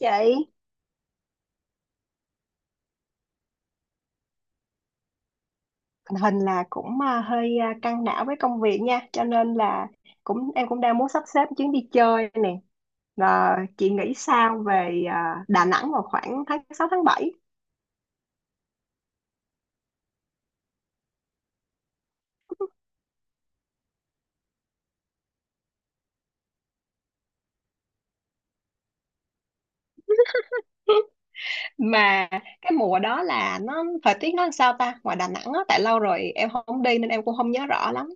Chị, tình hình là cũng hơi căng não với công việc nha, cho nên là em cũng đang muốn sắp xếp chuyến đi chơi nè. Và chị nghĩ sao về Đà Nẵng vào khoảng tháng 6 tháng bảy? Mà cái mùa đó là nó thời tiết nó làm sao ta, ngoài Đà Nẵng á? Tại lâu rồi em không đi nên em cũng không nhớ rõ lắm.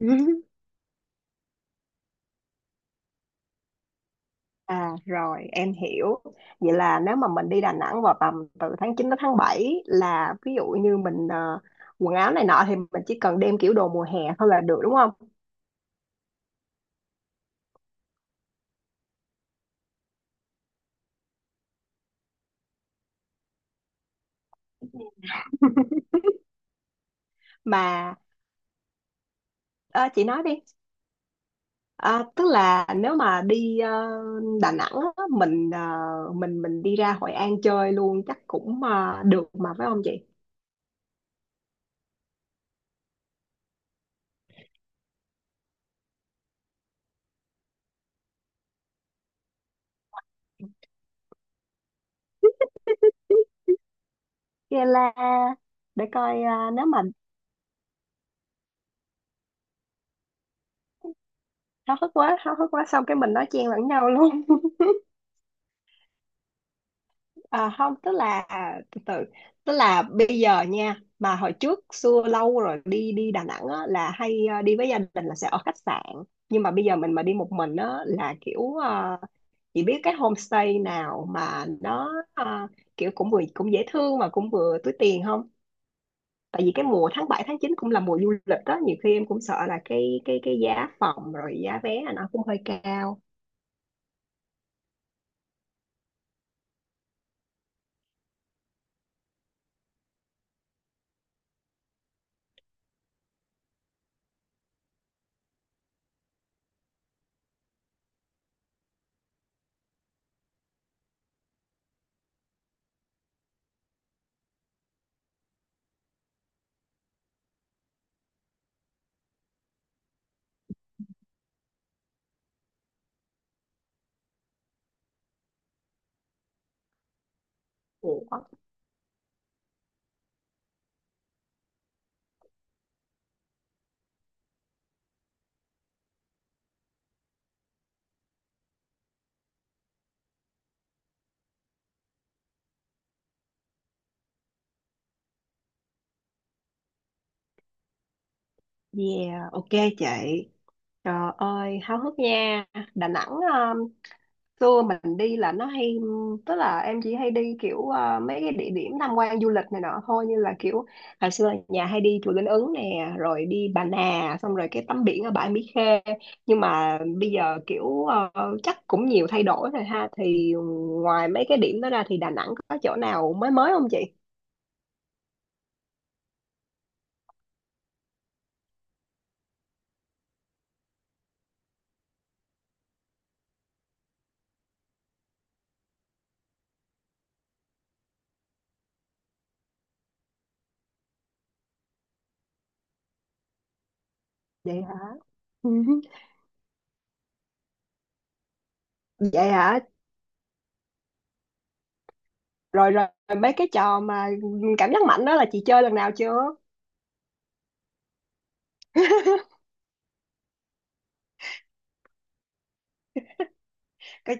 Ừ. À rồi, em hiểu. Vậy là nếu mà mình đi Đà Nẵng vào tầm từ tháng 9 đến tháng bảy, là ví dụ như mình quần áo này nọ thì mình chỉ cần đem kiểu đồ mùa hè thôi là được, đúng không? Mà ờ, chị nói đi. Ờ, tức là nếu mà đi Đà Nẵng á, mình mình đi ra Hội An chơi luôn chắc cũng được mà, phải không chị? Vậy là để coi nếu mà háo hức quá xong cái mình nói chen lẫn nhau luôn. À, không, tức là từ từ, tức là bây giờ nha, mà hồi trước xưa lâu rồi đi đi Đà Nẵng á, là hay đi với gia đình là sẽ ở khách sạn, nhưng mà bây giờ mình mà đi một mình á, là kiểu chỉ biết cái homestay nào mà nó kiểu cũng vừa cũng dễ thương mà cũng vừa túi tiền không. Tại vì cái mùa tháng 7 tháng 9 cũng là mùa du lịch đó, nhiều khi em cũng sợ là cái giá phòng rồi giá vé là nó cũng hơi cao. Ủa, yeah, ok chị. Trời ơi, háo hức nha. Đà Nẵng, xưa mình đi là nó hay, tức là em chỉ hay đi kiểu mấy cái địa điểm tham quan du lịch này nọ thôi, như là kiểu hồi xưa là nhà hay đi chùa Linh Ứng nè, rồi đi Bà Nà, xong rồi cái tắm biển ở bãi Mỹ Khê. Nhưng mà bây giờ kiểu chắc cũng nhiều thay đổi rồi ha. Thì ngoài mấy cái điểm đó ra thì Đà Nẵng có chỗ nào mới mới không chị? Vậy hả? Ừ. Vậy hả? Rồi rồi, mấy cái trò mà cảm giác mạnh đó là chị chơi lần nào chưa? Có.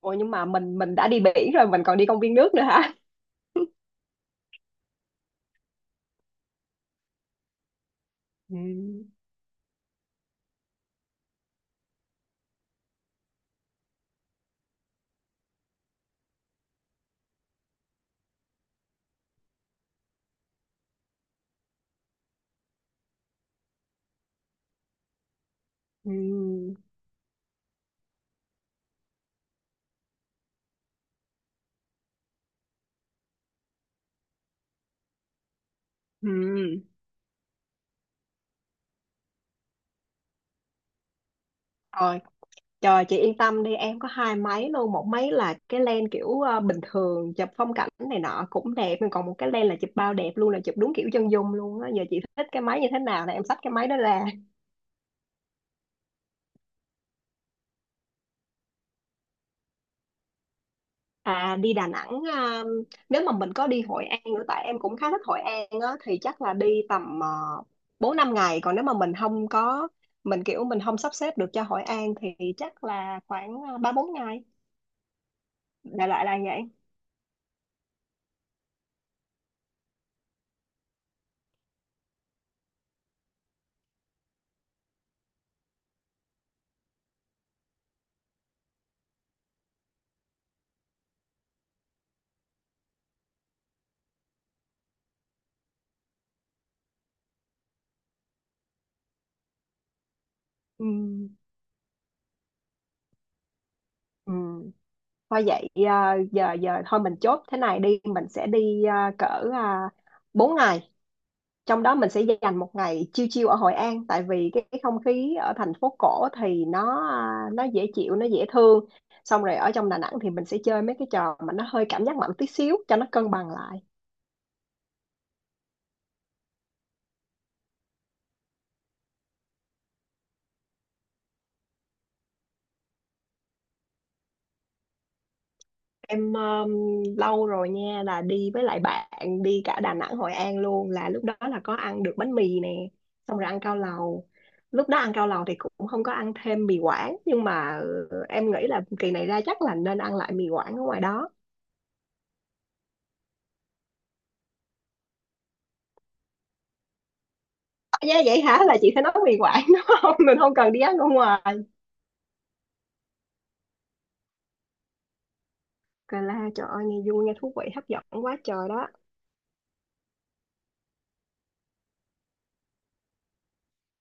Ủa nhưng mà mình đã đi biển rồi mình còn đi công viên nước nữa hả? Ừ. Ừ. Ừ. Rồi, trời, chị yên tâm đi, em có hai máy luôn. Một máy là cái lens kiểu bình thường chụp phong cảnh này nọ cũng đẹp, nhưng còn một cái lens là chụp bao đẹp luôn, là chụp đúng kiểu chân dung luôn á. Giờ chị thích cái máy như thế nào là em xách cái máy đó ra. À, đi Đà Nẵng à, nếu mà mình có đi Hội An nữa, tại em cũng khá thích Hội An á, thì chắc là đi tầm uh, 4 5 ngày. Còn nếu mà mình không có, mình kiểu mình không sắp xếp được cho Hội An thì chắc là khoảng 3 4 ngày. Đại loại là vậy. Ừ. Ừ. Thôi vậy giờ giờ thôi mình chốt thế này đi, mình sẽ đi cỡ 4 ngày. Trong đó mình sẽ dành một ngày chill chill ở Hội An, tại vì cái không khí ở thành phố cổ thì nó nó dễ chịu, nó dễ thương. Xong rồi ở trong Đà Nẵng thì mình sẽ chơi mấy cái trò mà nó hơi cảm giác mạnh tí xíu cho nó cân bằng lại. Em lâu rồi nha, là đi với lại bạn, đi cả Đà Nẵng Hội An luôn, là lúc đó là có ăn được bánh mì nè, xong rồi ăn cao lầu. Lúc đó ăn cao lầu thì cũng không có ăn thêm mì Quảng, nhưng mà ừ, em nghĩ là kỳ này ra chắc là nên ăn lại mì Quảng ở ngoài đó. Dạ, vậy hả, là chị phải nấu mì Quảng đúng không? Mình không cần đi ăn ở ngoài. Cà la, trời ơi, nghe vui, nghe thú vị hấp dẫn quá trời đó.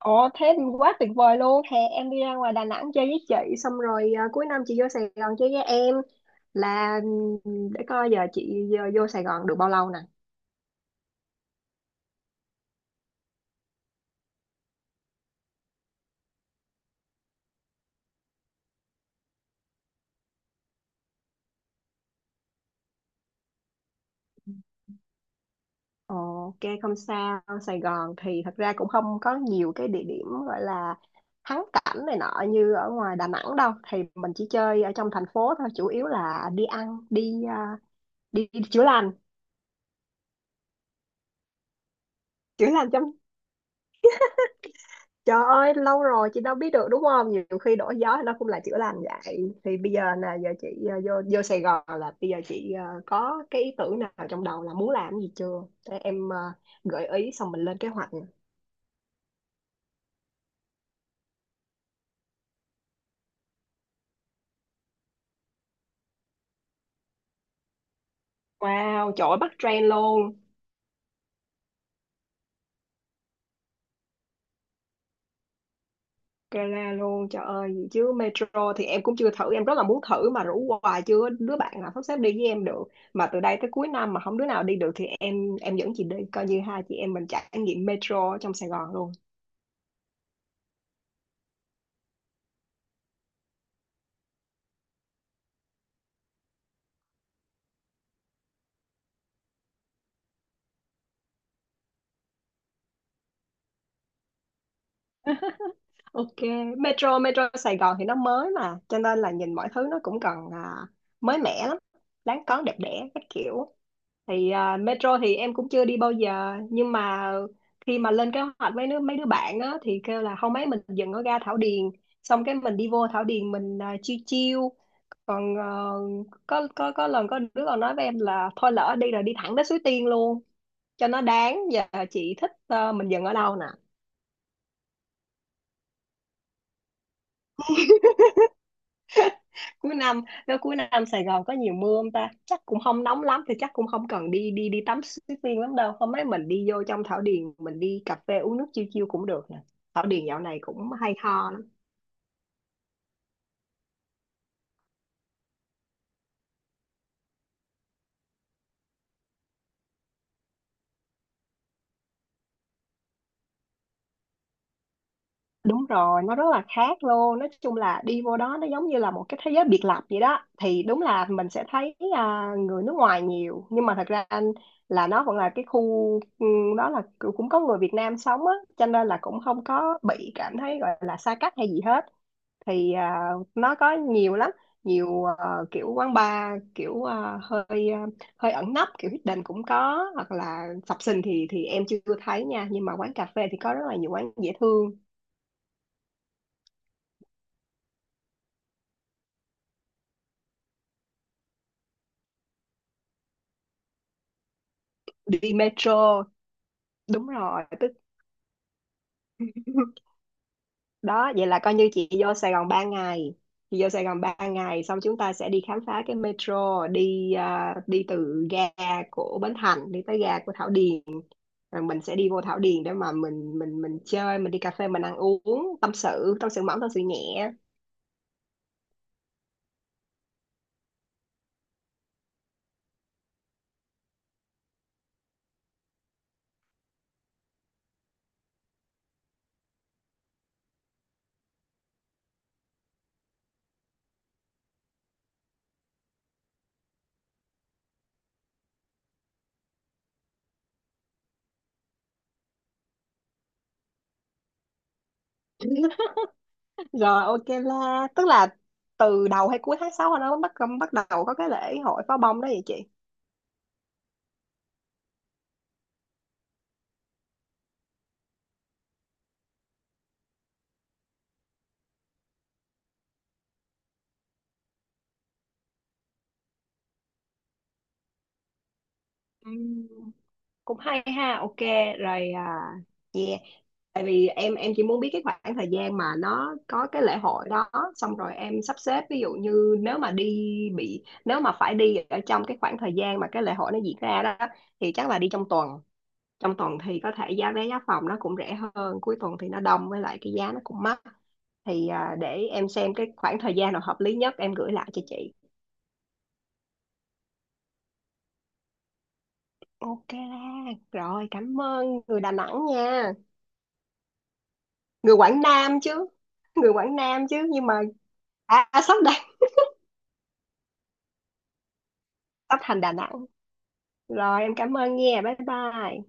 Ồ thế thì quá tuyệt vời luôn. Hè em đi ra ngoài Đà Nẵng chơi với chị, xong rồi cuối năm chị vô Sài Gòn chơi với em. Là để coi giờ chị vô Sài Gòn được bao lâu nè. Ồ, ok không sao. Sài Gòn thì thật ra cũng không có nhiều cái địa điểm gọi là thắng cảnh này nọ như ở ngoài Đà Nẵng đâu. Thì mình chỉ chơi ở trong thành phố thôi. Chủ yếu là đi ăn, đi đi chữa lành. Chữa lành trong, trời ơi, lâu rồi chị đâu biết được đúng không, nhiều khi đổi gió nó cũng là chữa lành. Vậy thì bây giờ là giờ chị ờ, vô vô Sài Gòn là bây giờ chị có cái ý tưởng nào trong đầu là muốn làm cái gì chưa, để em gợi ý xong mình lên kế hoạch nha. Wow, trời ơi, bắt trend luôn. Gala luôn, trời ơi, gì chứ metro thì em cũng chưa thử, em rất là muốn thử mà rủ hoài chưa có đứa bạn nào sắp xếp đi với em được. Mà từ đây tới cuối năm mà không đứa nào đi được thì em dẫn chị đi, coi như hai chị em mình trải nghiệm metro ở trong Sài Gòn luôn. Ok, Metro Metro Sài Gòn thì nó mới mà, cho nên là nhìn mọi thứ nó cũng còn mới mẻ lắm, đáng có đẹp đẽ các kiểu. Thì à, Metro thì em cũng chưa đi bao giờ, nhưng mà khi mà lên kế hoạch với mấy đứa bạn á thì kêu là không, mấy mình dừng ở ga Thảo Điền, xong cái mình đi vô Thảo Điền mình chiêu chill. Còn ờ, có lần có đứa còn nói với em là thôi lỡ đi rồi đi thẳng tới Suối Tiên luôn, cho nó đáng. Giờ chị thích mình dừng ở đâu cuối năm? Nếu cuối năm Sài Gòn có nhiều mưa không ta, chắc cũng không nóng lắm thì chắc cũng không cần đi đi đi tắm suối tiên lắm đâu. Hôm ấy mình đi vô trong Thảo Điền mình đi cà phê uống nước chiêu chiêu cũng được nè. Thảo Điền dạo này cũng hay ho lắm. Đúng rồi, nó rất là khác luôn, nói chung là đi vô đó nó giống như là một cái thế giới biệt lập vậy đó. Thì đúng là mình sẽ thấy người nước ngoài nhiều, nhưng mà thật ra anh là nó vẫn là cái khu, ừ, đó là cũng có người Việt Nam sống á cho nên là cũng không có bị cảm thấy gọi là xa cách hay gì hết. Thì à, nó có nhiều lắm, nhiều kiểu quán bar kiểu hơi ẩn nấp kiểu hidden cũng có, hoặc là sập sình thì em chưa thấy nha, nhưng mà quán cà phê thì có rất là nhiều quán dễ thương. Đi metro, đúng rồi tức đó. Vậy là coi như chị vô Sài Gòn 3 ngày, chị vô Sài Gòn 3 ngày xong chúng ta sẽ đi khám phá cái metro, đi đi từ ga của Bến Thành đi tới ga của Thảo Điền, rồi mình sẽ đi vô Thảo Điền để mà mình chơi, mình đi cà phê, mình ăn uống, tâm sự, tâm sự mỏng, tâm sự nhẹ. Rồi ok, là tức là từ đầu hay cuối tháng 6 nó bắt bắt đầu có cái lễ hội pháo bông đó vậy chị? Ừm, cũng hay ha, ok rồi à, yeah. Tại vì em chỉ muốn biết cái khoảng thời gian mà nó có cái lễ hội đó, xong rồi em sắp xếp, ví dụ như nếu mà đi bị nếu mà phải đi ở trong cái khoảng thời gian mà cái lễ hội nó diễn ra đó, thì chắc là đi trong tuần. Trong tuần thì có thể giá vé giá phòng nó cũng rẻ hơn, cuối tuần thì nó đông với lại cái giá nó cũng mắc. Thì à, để em xem cái khoảng thời gian nào hợp lý nhất em gửi lại cho chị. Ok rồi, cảm ơn người Đà Nẵng nha. Người Quảng Nam chứ, người Quảng Nam chứ, nhưng mà à, à, sắp đây, sắp thành Đà Nẵng rồi. Em cảm ơn nha, bye bye.